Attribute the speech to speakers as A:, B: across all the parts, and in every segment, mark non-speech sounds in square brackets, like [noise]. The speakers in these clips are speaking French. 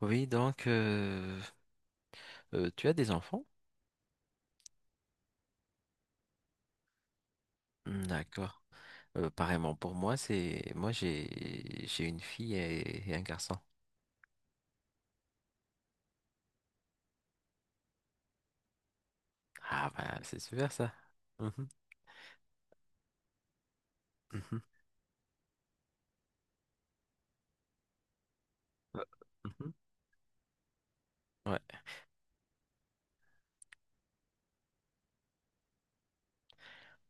A: Oui, donc tu as des enfants? Hmm, d'accord. Pareillement pour moi, c'est moi j'ai une fille et un garçon. Ah bah c'est super ça. Mhm, mhm, euh, mhm. Ouais.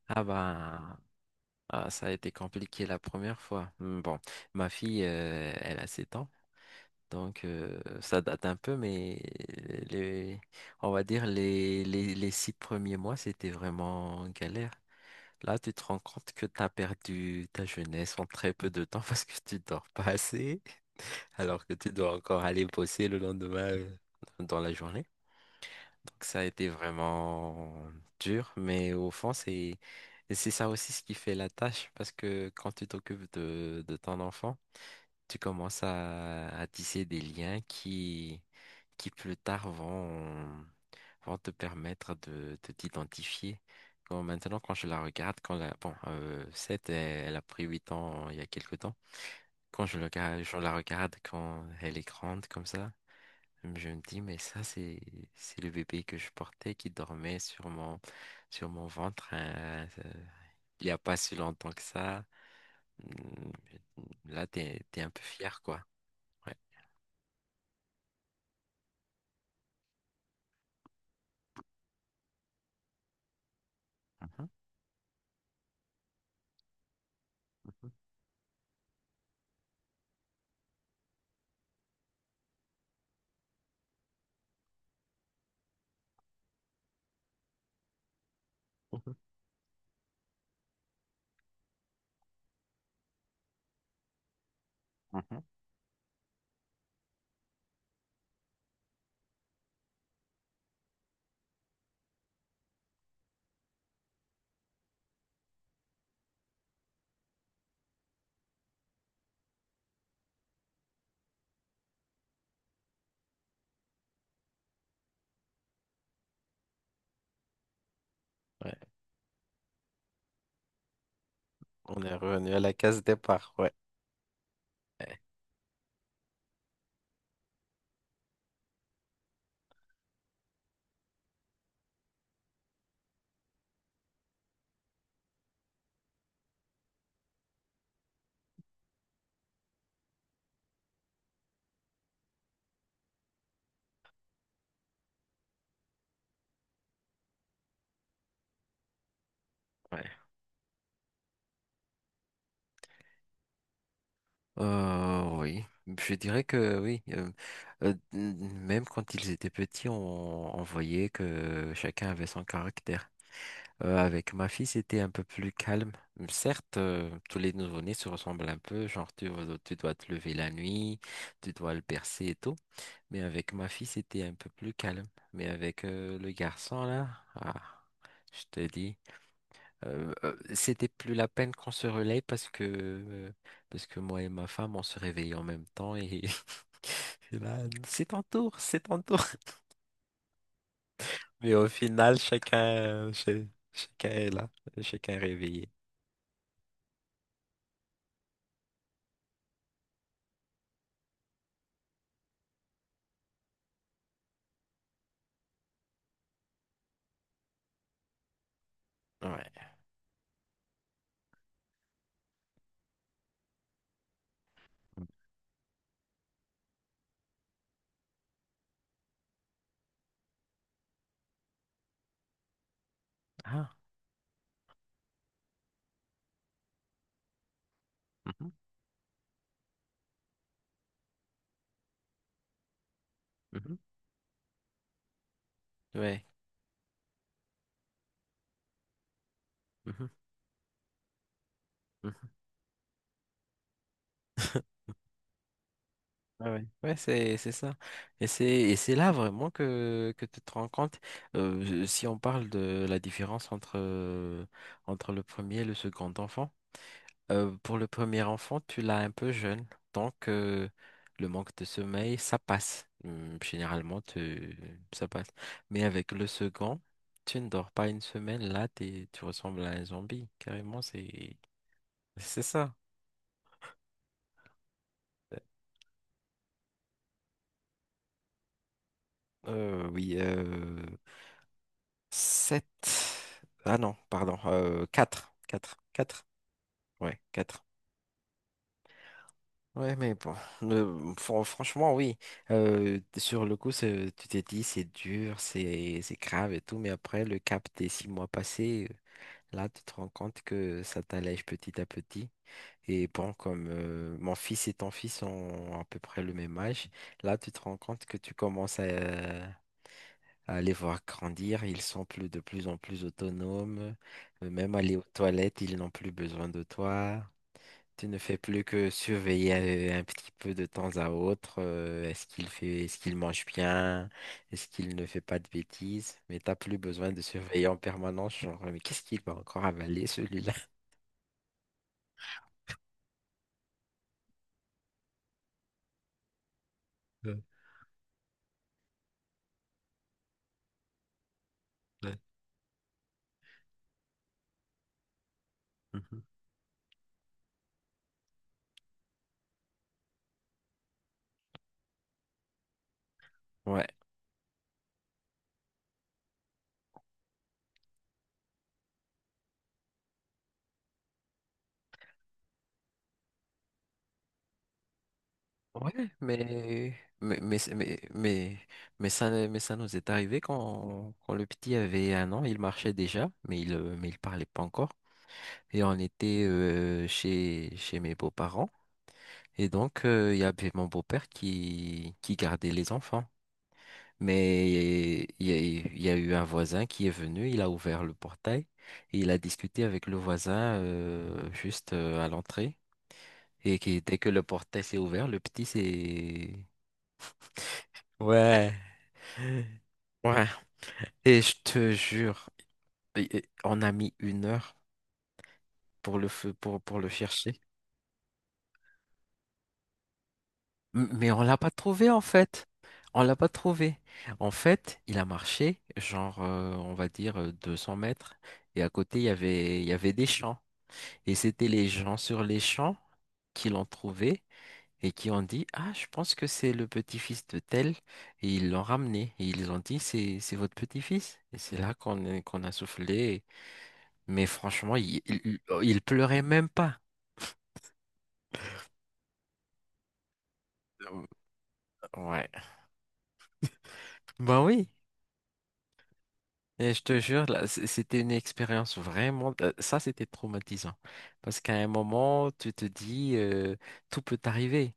A: Ah bah ah, ça a été compliqué la première fois. Hmm, bon, ma fille elle a 7 ans, donc ça date un peu, mais les on va dire les 6 premiers mois c'était vraiment galère. Là, tu te rends compte que tu as perdu ta jeunesse en très peu de temps [laughs] parce que tu dors pas assez, alors que tu dois encore aller bosser le lendemain, dans la journée. Donc ça a été vraiment dur, mais au fond, c'est ça aussi ce qui fait la tâche, parce que quand tu t'occupes de ton enfant, tu commences à tisser des liens qui plus tard vont te permettre de t'identifier. Maintenant, quand je la regarde, bon, elle a pris 8 ans il y a quelque temps. Quand je, le, regarde- je la regarde, quand elle est grande comme ça, je me dis, mais ça, c'est le bébé que je portais qui dormait sur mon ventre, hein, il n'y a pas si longtemps que ça. Mm, Là, t'es un peu fier, quoi. Ouais. Mhm, mhm, mhm. Ouais, on est revenu à la case départ, ouais. Ouais. Ouais. Oui, je dirais que oui. Euh, n- même quand ils étaient petits, on voyait que chacun avait son caractère. Avec ma fille, c'était un peu plus calme. Certes, tous les nouveau-nés se ressemblent un peu, genre tu dois te lever la nuit, tu dois le bercer et tout. Mais avec ma fille, c'était un peu plus calme. Mais avec le garçon là, ah, je te dis. C'était plus la peine qu'on se relaie parce que moi et ma femme on se réveillait en même temps et, [laughs] et là c'est ton tour, c'est ton tour. [laughs] Mais au final chacun est là, chacun est réveillé. Ouais. Ah. Mhm, mhm. Ouais. Mhm, mhm. [laughs] Ouais, ouais, ouais, c'est ça. Et c'est là vraiment que tu te rends compte, si on parle de la différence entre le premier et le second enfant. Pour le premier enfant, tu l'as un peu jeune, donc le manque de sommeil, ça passe. Généralement, ça passe. Mais avec le second, tu ne dors pas une semaine, là, tu ressembles à un zombie. Carrément, c'est ça. Oui, 7. Ah non, pardon, 4, 4. 4. Ouais, 4. Ouais, mais bon, franchement, oui. Sur le coup, tu t'es dit, c'est dur, c'est grave et tout, mais après, le cap des 6 mois passés, là, tu te rends compte que ça t'allège petit à petit. Et bon, comme mon fils et ton fils ont à peu près le même âge, là, tu te rends compte que tu commences à les voir grandir, ils sont de plus en plus autonomes, même aller aux toilettes, ils n'ont plus besoin de toi. Tu ne fais plus que surveiller, un petit peu de temps à autre. Est-ce qu'il mange bien? Est-ce qu'il ne fait pas de bêtises? Mais t'as plus besoin de surveiller en permanence. Genre, mais qu'est-ce qu'il va encore avaler celui-là? Ouais. Mhm. Ouais. Ouais, mais mais mais c'est- mais mais, mais ça nous est arrivé quand le petit avait 1 an, il marchait déjà, mais il parlait pas encore. Et on était chez mes beaux-parents. Et donc, il y avait mon beau-père qui gardait les enfants. Mais il y a eu un voisin qui est venu, il a ouvert le portail et il a discuté avec le voisin, juste, à l'entrée. Et qui, dès que le portail s'est ouvert, le petit s'est... Ouais. Ouais. Et je te jure, et on a mis une heure pour le feu, pour le chercher. Mais on l'a pas trouvé en fait. On l'a pas trouvé. En fait, il a marché, genre, on va dire, 200 mètres. Et à côté, il y avait des champs. Et c'était les gens sur les champs qui l'ont trouvé et qui ont dit, Ah, je pense que c'est le petit-fils de tel. Et ils l'ont ramené. Et ils ont dit, C'est votre petit-fils. Et c'est là qu'on a soufflé. Mais franchement, il pleurait même pas. Ouais. Bah oui. Et je te jure, là, c'était une expérience vraiment, ça c'était traumatisant. Parce qu'à un moment, tu te dis, tout peut t'arriver.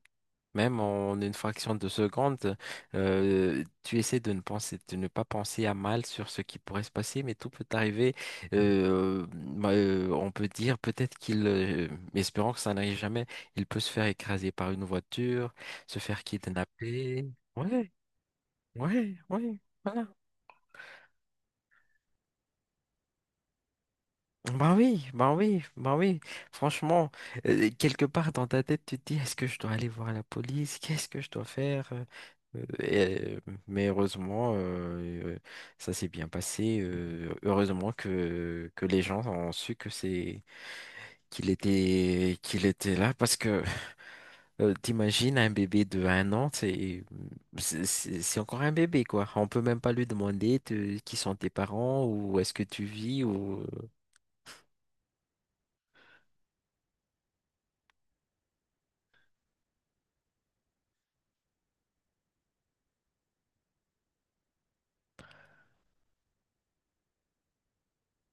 A: Même en une fraction de seconde, tu essaies de ne penser, de ne pas penser à mal sur ce qui pourrait se passer, mais tout peut t'arriver. Bah, on peut dire peut-être mais espérons que ça n'arrive jamais, il peut se faire écraser par une voiture, se faire kidnapper. Ouais, ouais, ouais, voilà. Ben oui, ben oui, ben oui. Franchement, quelque part dans ta tête, tu te dis, est-ce que je dois aller voir la police? Qu'est-ce que je dois faire? Euh, et- mais heureusement, ça s'est bien passé. Heureusement que les gens ont su que c'est qu'il était là parce que t'imagines un bébé de 1 an, c'est c'est encore un bébé quoi. On peut même pas lui demander qui sont tes parents ou est-ce que tu vis, ou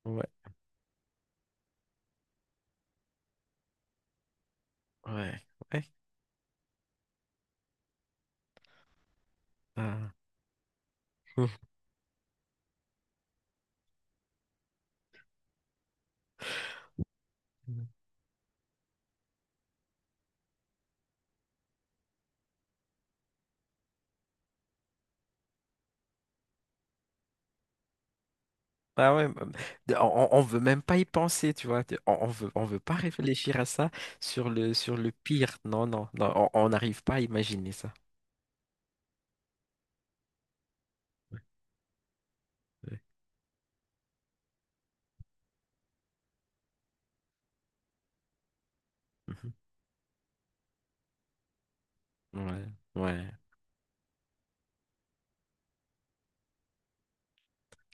A: ouais, ouais. Ouais. Ah. Hum. Ah ouais, bah, on veut même pas y penser, tu vois. On veut pas réfléchir à ça, sur le pire. Non, non, non, on n'arrive pas à imaginer ça. Ouais. Mhm. Ouais, ouais.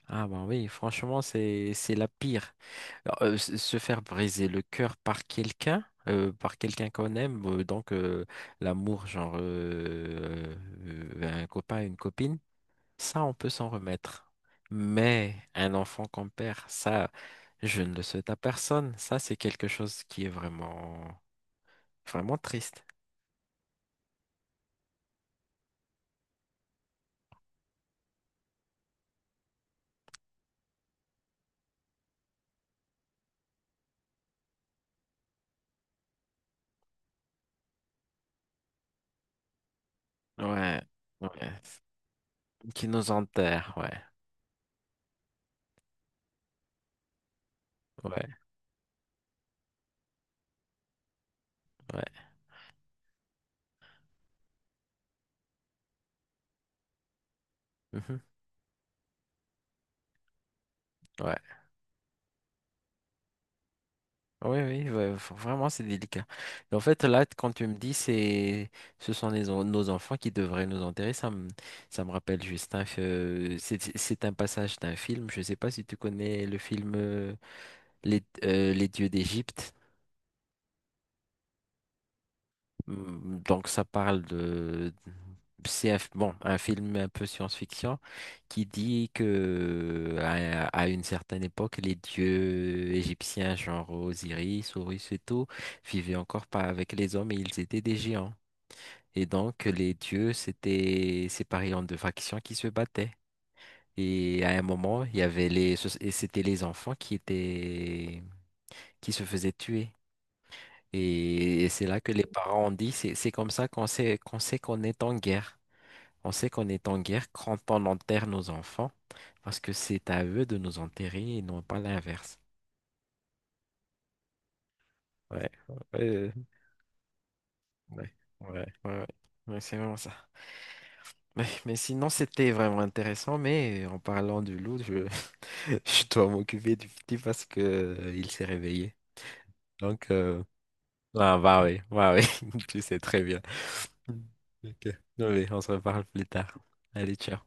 A: Ah bah oui, franchement, c'est la pire. Alors, se faire briser le cœur par quelqu'un qu'on aime, donc, l'amour, genre, un copain, une copine. Ça, on peut s'en remettre. Mais un enfant qu'on perd, ça, je ne le souhaite à personne. Ça, c'est quelque chose qui est vraiment, vraiment triste. Ouais, ouais. Qui nous enterre, ouais, ouais, ouais. Mhm, ouais. Oui, oui, ouais, vraiment, c'est délicat. Mais en fait, là, quand tu me dis, ce sont nos enfants qui devraient nous enterrer, ça me rappelle juste c'est un passage d'un film. Je ne sais pas si tu connais le film, Les Dieux d'Égypte. Donc ça parle de... C'est bon, un film un peu science-fiction qui dit que à une certaine époque, les dieux égyptiens, genre Osiris, Horus et tout, vivaient encore pas avec les hommes et ils étaient des géants. Et donc les dieux s'étaient séparés en deux factions qui se battaient. Et à un moment, il y avait les, ce- et c'était les enfants qui se faisaient tuer. Et c'est là que les parents ont dit, c'est comme ça qu'on sait qu'on est en guerre. On sait qu'on est en guerre quand on enterre nos enfants, parce que c'est à eux de nous enterrer et non pas l'inverse. Ouais, ouais, ouais, ouais, ouais, ouais, c'est vraiment ça. Mais sinon, c'était vraiment intéressant, mais en parlant du loup, je, [laughs] je dois m'occuper du petit parce que il s'est réveillé. Donc, ah, bah oui, [laughs] tu sais très bien. Ok. Oui, on se reparle plus tard. Allez, ciao.